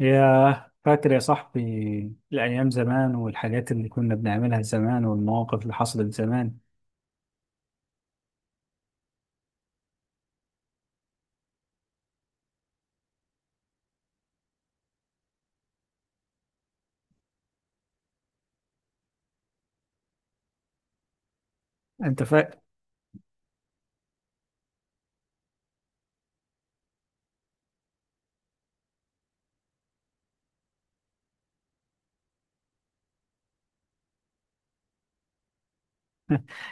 يا فاكر يا صاحبي الأيام زمان، والحاجات اللي كنا بنعملها زمان، والمواقف اللي حصلت زمان. أنت فاكر؟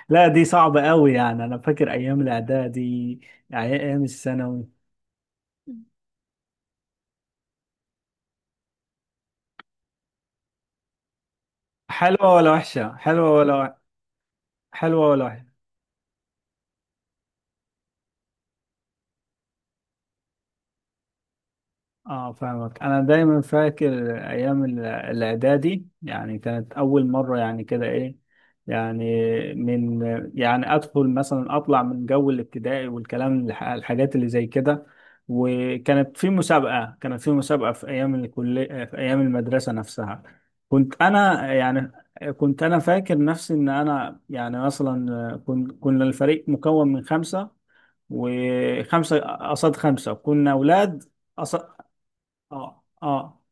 لا، دي صعبة قوي، يعني أنا فاكر أيام الإعدادي، أيام الثانوي. حلوة ولا وحشة؟ حلوة ولا وحشة؟ اه، فاهمك. انا دايما فاكر ايام الاعدادي، يعني كانت اول مره، يعني كده ايه، يعني من، يعني ادخل مثلا اطلع من جو الابتدائي والكلام الحاجات اللي زي كده. وكانت في مسابقه، في ايام الكليه، في ايام المدرسه نفسها. كنت انا يعني كنت انا فاكر نفسي ان انا، يعني مثلا، كنا الفريق مكون من خمسه، وخمسه قصاد خمسه، كنا اولاد. اه، اه.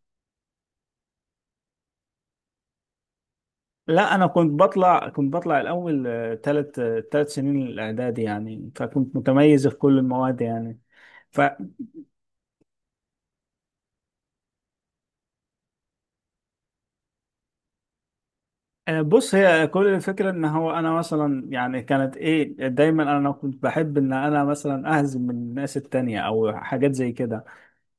لا، انا كنت بطلع الاول ثلاث ثلاث سنين الاعدادي، يعني فكنت متميز في كل المواد يعني. فبص، هي كل الفكره، ان هو انا مثلا، يعني كانت ايه، دايما انا كنت بحب ان انا مثلا اهزم من الناس التانية او حاجات زي كده.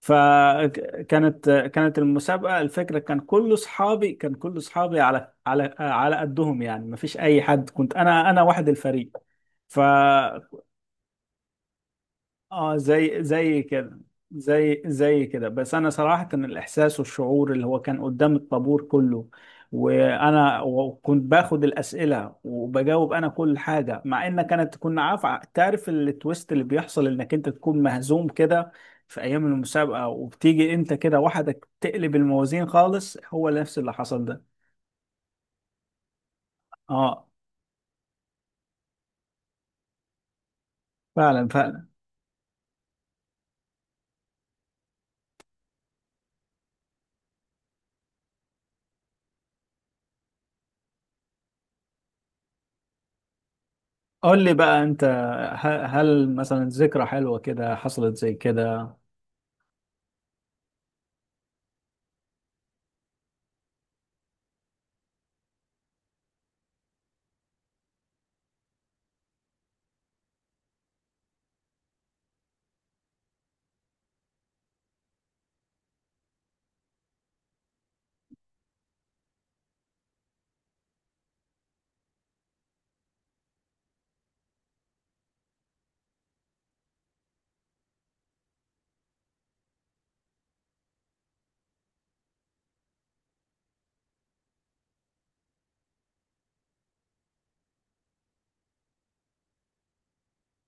كانت المسابقه، الفكره، كان كل اصحابي على قدهم، يعني مفيش اي حد، كنت انا، واحد الفريق. ف اه، زي كده. زي كده. بس انا صراحه كان الاحساس والشعور، اللي هو كان قدام الطابور كله، وانا وكنت باخد الاسئله، وبجاوب انا كل حاجه، مع ان كانت كنا عارف. تعرف التويست اللي بيحصل، انك انت تكون مهزوم كده في ايام المسابقه، وبتيجي انت كده وحدك تقلب الموازين خالص. هو نفس اللي حصل ده. اه، فعلا، فعلا. قول لي بقى انت، هل مثلا ذكرى حلوه كده حصلت زي كده؟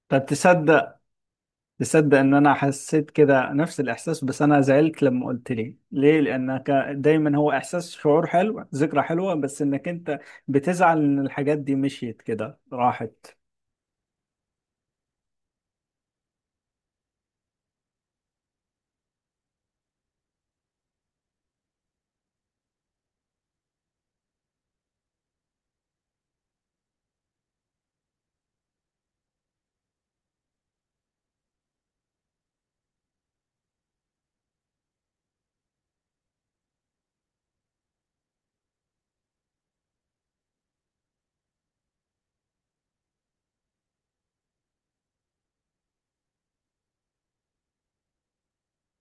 طب تصدق ان انا حسيت كده نفس الاحساس، بس انا زعلت لما قلت لي ليه، لانك دايما هو احساس، شعور حلو، ذكرى حلوة، بس انك انت بتزعل ان الحاجات دي مشيت كده راحت.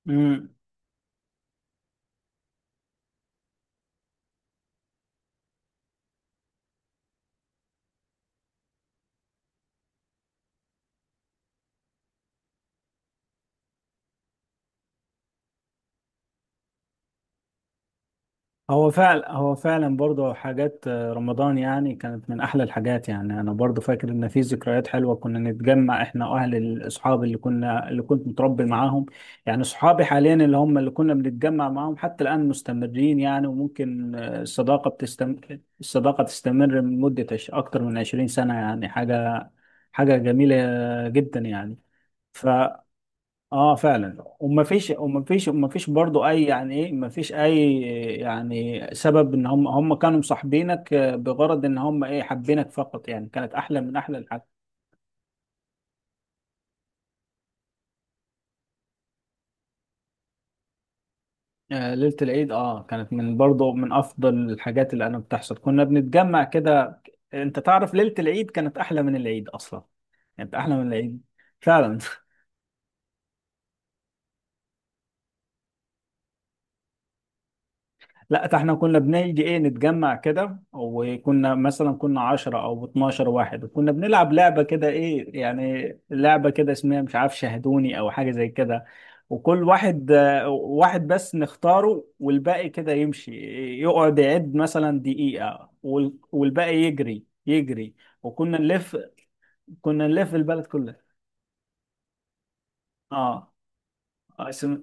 امم. هو فعلا، هو فعلا برضه حاجات، رمضان، يعني كانت من احلى الحاجات. يعني انا برضه فاكر ان في ذكريات حلوه، كنا نتجمع احنا اهل الاصحاب، اللي كنت متربي معاهم، يعني اصحابي حاليا، اللي هم اللي كنا بنتجمع معاهم حتى الان مستمرين. يعني وممكن، الصداقه الصداقه تستمر من مده اكتر من 20 سنه، يعني حاجه، جميله جدا يعني. ف اه، فعلا. ومفيش، برضو اي، يعني ايه، مفيش اي، يعني سبب ان هم كانوا مصاحبينك، بغرض ان هم ايه، حابينك فقط، يعني كانت احلى من احلى الحاجات. آه، ليلة العيد. اه، كانت من برضو من افضل الحاجات اللي انا بتحصل، كنا بنتجمع كده. انت تعرف ليلة العيد كانت احلى من العيد اصلا، كانت احلى من العيد. فعلا. لا، ده احنا كنا بنيجي، ايه، نتجمع كده، وكنا مثلا 10 او 12 واحد، وكنا بنلعب لعبة كده، ايه يعني، لعبة كده اسمها مش عارف، شاهدوني او حاجة زي كده. وكل واحد، واحد بس نختاره، والباقي كده يمشي. يقعد يعد مثلا دقيقة، والباقي يجري، يجري. وكنا نلف كنا نلف البلد كلها. اه. اسم.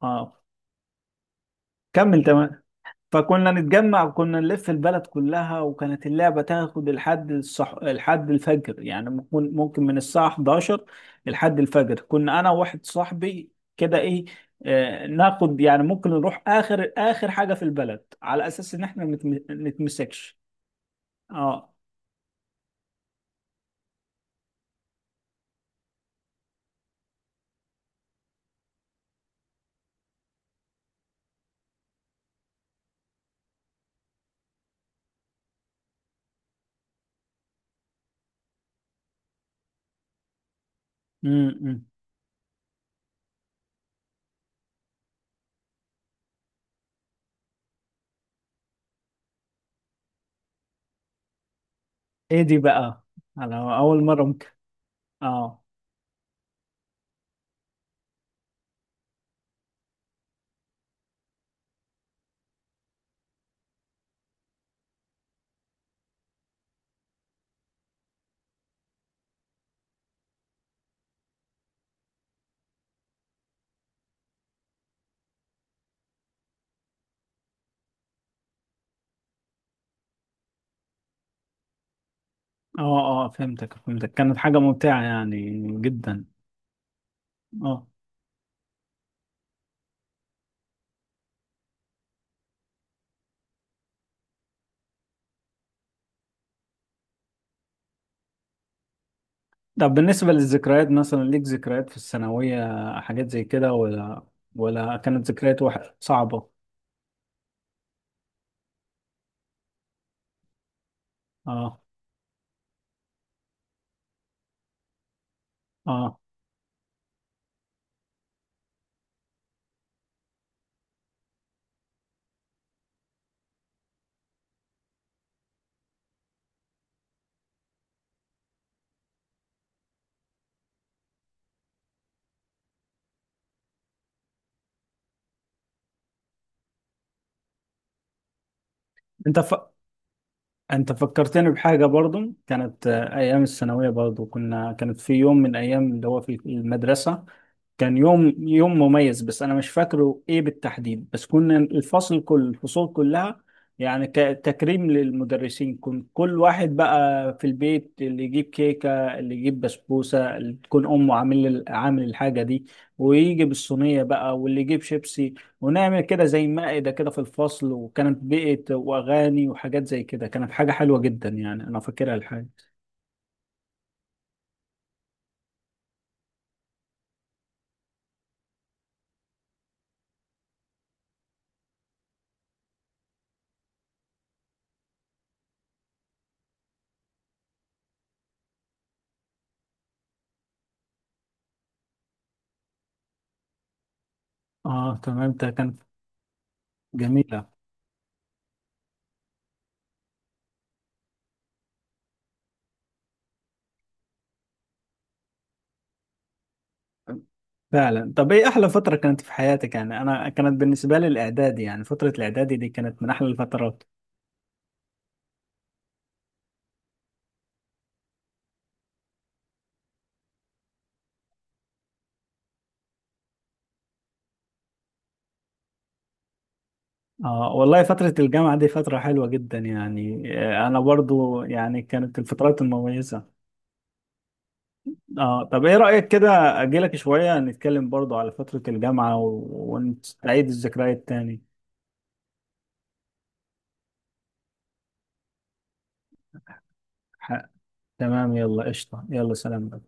اه، كمل تمام. فكنا نتجمع، وكنا نلف البلد كلها، وكانت اللعبة تاخد لحد لحد الفجر، يعني ممكن، من الساعة 11 لحد الفجر. كنا أنا وواحد صاحبي كده، إيه، آه، ناخد يعني ممكن نروح آخر، آخر حاجة في البلد، على أساس إن إحنا نتمسكش. أه. امم، إمم. إيه دي بقى؟ على أول مرة ممكن. أه. أه، أه. فهمتك، فهمتك، كانت حاجة ممتعة يعني جدا. أه. طب بالنسبة للذكريات، مثلا ليك ذكريات في الثانوية، حاجات زي كده، ولا ولا كانت ذكريات صعبة؟ اه، اه. انت ف... انت فكرتني بحاجة برضو. كانت، ايام الثانوية برضو، كنا، كانت في يوم من ايام، اللي هو في المدرسة. كان يوم، مميز، بس انا مش فاكره ايه بالتحديد. بس كنا الفصل، كل الفصول كلها، يعني كتكريم للمدرسين، كنت كل واحد بقى في البيت، اللي يجيب كيكة، اللي يجيب بسبوسة، اللي تكون امه عامل، الحاجة دي، ويجي بالصينية بقى، واللي يجيب شيبسي. ونعمل كده زي مائدة كده في الفصل، وكانت بيئة واغاني وحاجات زي كده، كانت حاجة حلوة جدا يعني، انا فاكرها الحاجة. اه، تمام. ده كانت جميلة فعلا. طب ايه احلى فترة كانت في حياتك؟ يعني انا كانت بالنسبة لي الاعدادي، يعني فترة الاعدادي دي كانت من احلى الفترات. اه، والله فترة الجامعة دي فترة حلوة جدا يعني، انا برضو يعني كانت الفترات المميزة. اه. طب ايه رأيك كده؟ اجيلك شوية نتكلم برضو على فترة الجامعة، ونعيد الذكريات تاني. ح- تمام، يلا قشطة، يلا سلام.